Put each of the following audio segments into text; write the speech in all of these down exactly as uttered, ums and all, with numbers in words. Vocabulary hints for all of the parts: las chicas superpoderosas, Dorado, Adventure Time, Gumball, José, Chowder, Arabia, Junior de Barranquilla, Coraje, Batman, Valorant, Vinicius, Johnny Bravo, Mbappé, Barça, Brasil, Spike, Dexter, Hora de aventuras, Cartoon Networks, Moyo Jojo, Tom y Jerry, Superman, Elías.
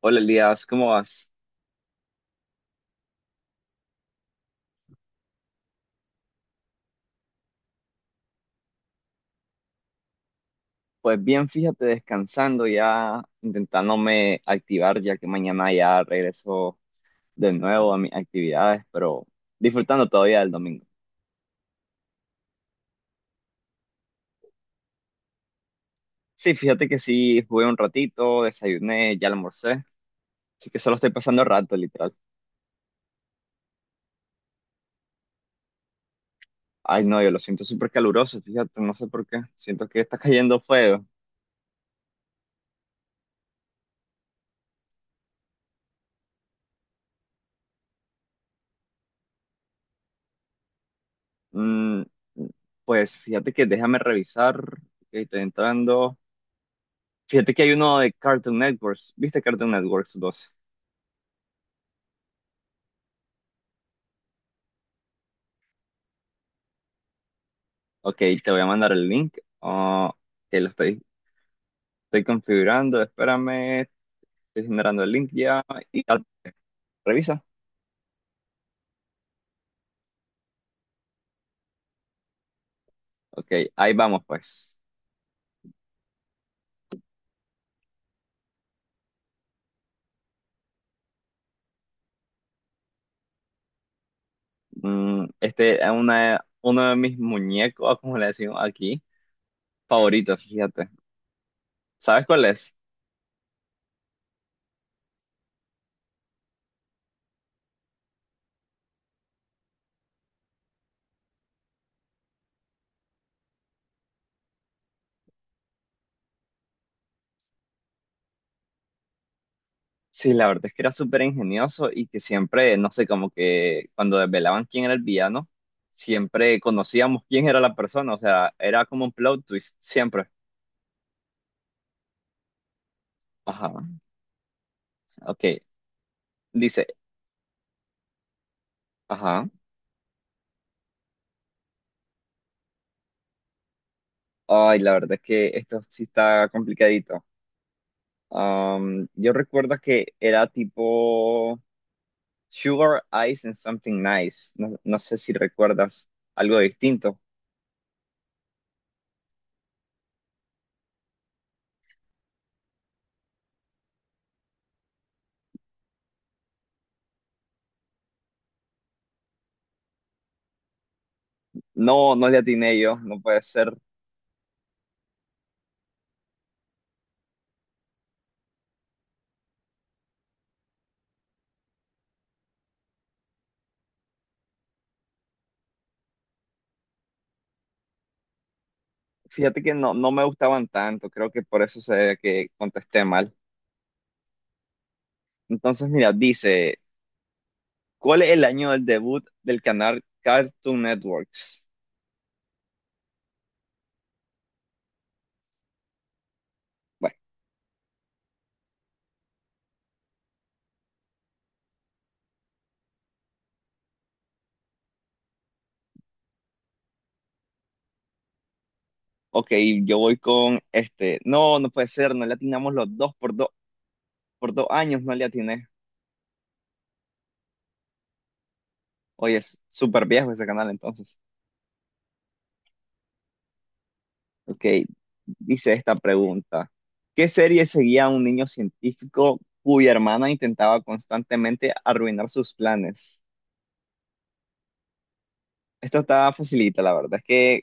Hola Elías, ¿cómo vas? Pues bien, fíjate, descansando ya, intentándome activar ya que mañana ya regreso de nuevo a mis actividades, pero disfrutando todavía del domingo. Sí, fíjate que sí, jugué un ratito, desayuné, ya almorcé, así que solo estoy pasando el rato, literal. Ay, no, yo lo siento súper caluroso, fíjate, no sé por qué, siento que está cayendo fuego. Mm, pues fíjate que déjame revisar, que estoy entrando. Fíjate que hay uno de Cartoon Networks, ¿viste Cartoon Networks dos? Ok, te voy a mandar el link. Ah, que lo estoy, estoy configurando. Espérame, estoy generando el link ya. Y ya, revisa. Ok, ahí vamos pues. Mm, este es una, uno de mis muñecos, como le decimos aquí, favoritos, fíjate. ¿Sabes cuál es? Sí, la verdad es que era súper ingenioso y que siempre, no sé, como que cuando desvelaban quién era el villano, siempre conocíamos quién era la persona. O sea, era como un plot twist, siempre. Ajá, ok. Dice, ajá. Ay, la verdad es que esto sí está complicadito. Am, yo recuerdo que era tipo Sugar Ice and Something Nice. No, no sé si recuerdas algo distinto. No, no le atiné yo, no puede ser. Fíjate que no, no me gustaban tanto, creo que por eso se ve que contesté mal. Entonces, mira, dice, ¿cuál es el año del debut del canal Cartoon Networks? Bueno, ok, yo voy con este. No, no puede ser, no le atinamos los dos, por dos, por dos años, no le atiné. Oye, es súper viejo ese canal entonces. Ok, dice esta pregunta. ¿Qué serie seguía a un niño científico cuya hermana intentaba constantemente arruinar sus planes? Esto está facilita, la verdad. Es que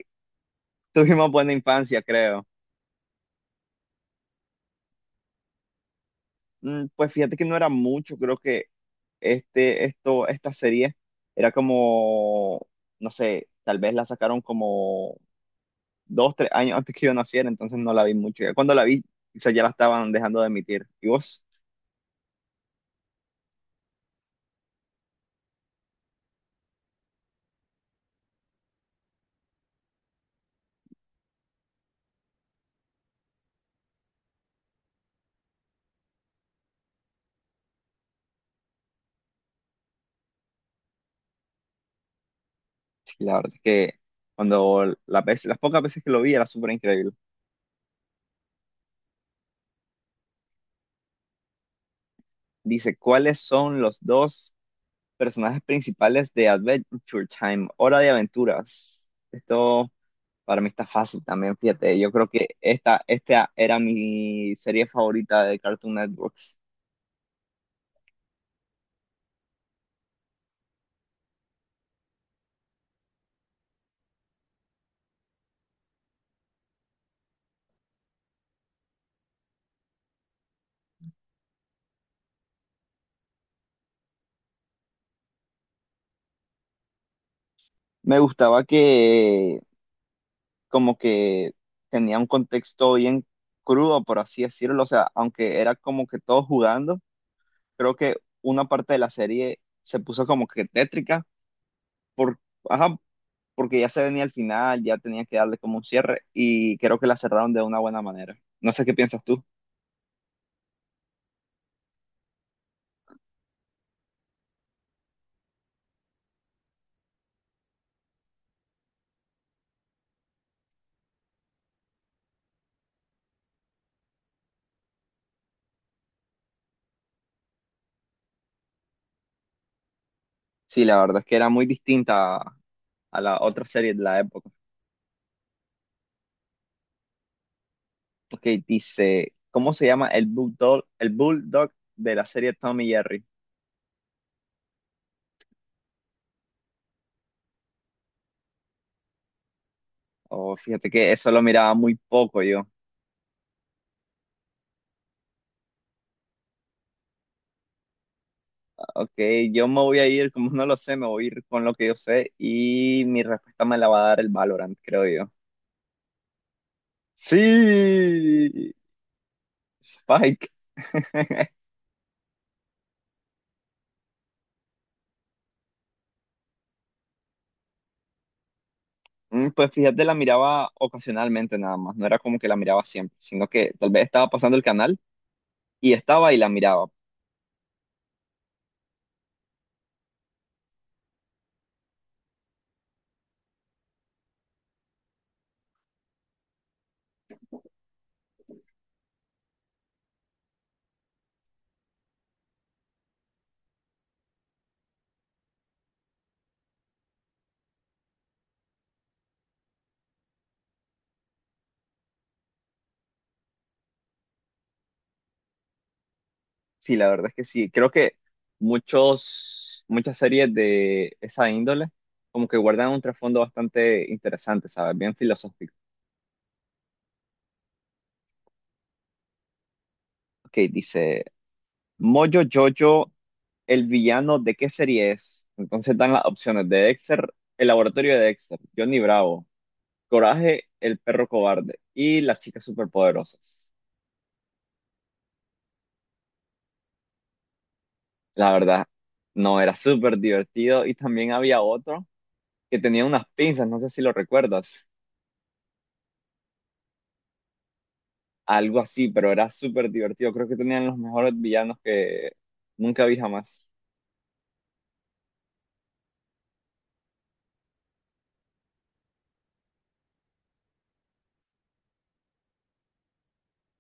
tuvimos buena infancia, creo. Mm, Pues fíjate que no era mucho, creo que este, esto, esta serie era como, no sé, tal vez la sacaron como dos, tres años antes que yo naciera, entonces no la vi mucho. Ya cuando la vi, o sea, ya la estaban dejando de emitir. ¿Y vos? Y la verdad es que cuando las veces- las pocas veces que lo vi era súper increíble. Dice, ¿cuáles son los dos personajes principales de Adventure Time? Hora de aventuras. Esto para mí está fácil también, fíjate. Yo creo que esta, esta era mi serie favorita de Cartoon Networks. Me gustaba que como que tenía un contexto bien crudo, por así decirlo. O sea, aunque era como que todos jugando, creo que una parte de la serie se puso como que tétrica por, ajá, porque ya se venía al final, ya tenía que darle como un cierre y creo que la cerraron de una buena manera. No sé qué piensas tú. Sí, la verdad es que era muy distinta a la otra serie de la época. Porque dice, ¿cómo se llama el bulldog, el bulldog de la serie Tom y Jerry? Oh, fíjate que eso lo miraba muy poco yo. Ok, yo me voy a ir, como no lo sé, me voy a ir con lo que yo sé y mi respuesta me la va a dar el Valorant, creo yo. Sí, Spike. Mm, Pues fíjate, la miraba ocasionalmente nada más, no era como que la miraba siempre, sino que tal vez estaba pasando el canal y estaba y la miraba. Sí, la verdad es que sí, creo que muchos, muchas series de esa índole como que guardan un trasfondo bastante interesante, ¿sabes? Bien filosófico. Ok, dice, Moyo Jojo, el villano, ¿de qué serie es? Entonces dan las opciones de Dexter, el laboratorio de Dexter, Johnny Bravo, Coraje, el perro cobarde y las chicas superpoderosas. La verdad, no, era súper divertido y también había otro que tenía unas pinzas, no sé si lo recuerdas, algo así, pero era súper divertido. Creo que tenían los mejores villanos que nunca vi jamás.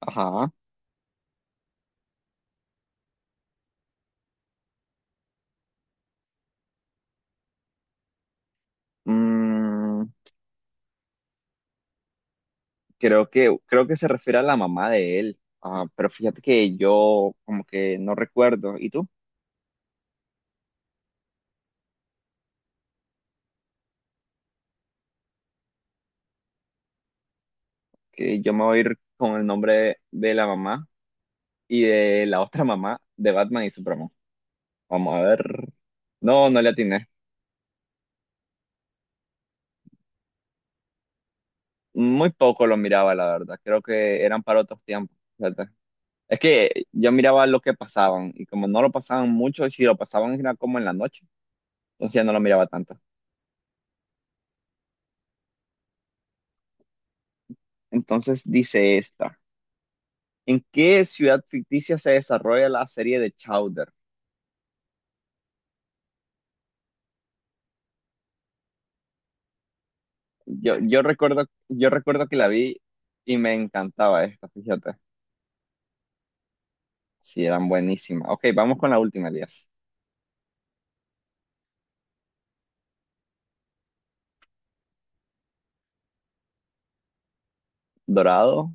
Ajá. Mm, creo que, creo que se refiere a la mamá de él. Ah, pero fíjate que yo como que no recuerdo. ¿Y tú? Que yo me voy a ir con el nombre de, de la mamá y de la otra mamá de Batman y Superman. Vamos a ver. No, no le atiné. Muy poco lo miraba, la verdad. Creo que eran para otros tiempos. fíjate. Es que yo miraba lo que pasaban y como no lo pasaban mucho, y si lo pasaban era como en la noche, entonces ya no lo miraba tanto. Entonces dice esta, ¿en qué ciudad ficticia se desarrolla la serie de Chowder? Yo, yo recuerdo, yo recuerdo que la vi y me encantaba esta, fíjate. Sí, eran buenísimas. Ok, vamos con la última, Elías. Dorado,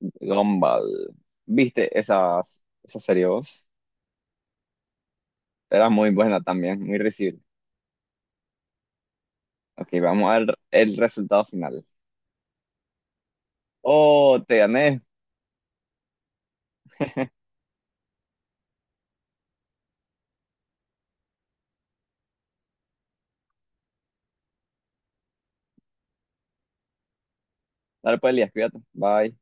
Gumball. ¿Viste esas, esa serie vos? Era muy buena también, muy reci- Ok, vamos a ver el resultado final. Oh, te gané. Dale pues, Elías, cuídate. Bye.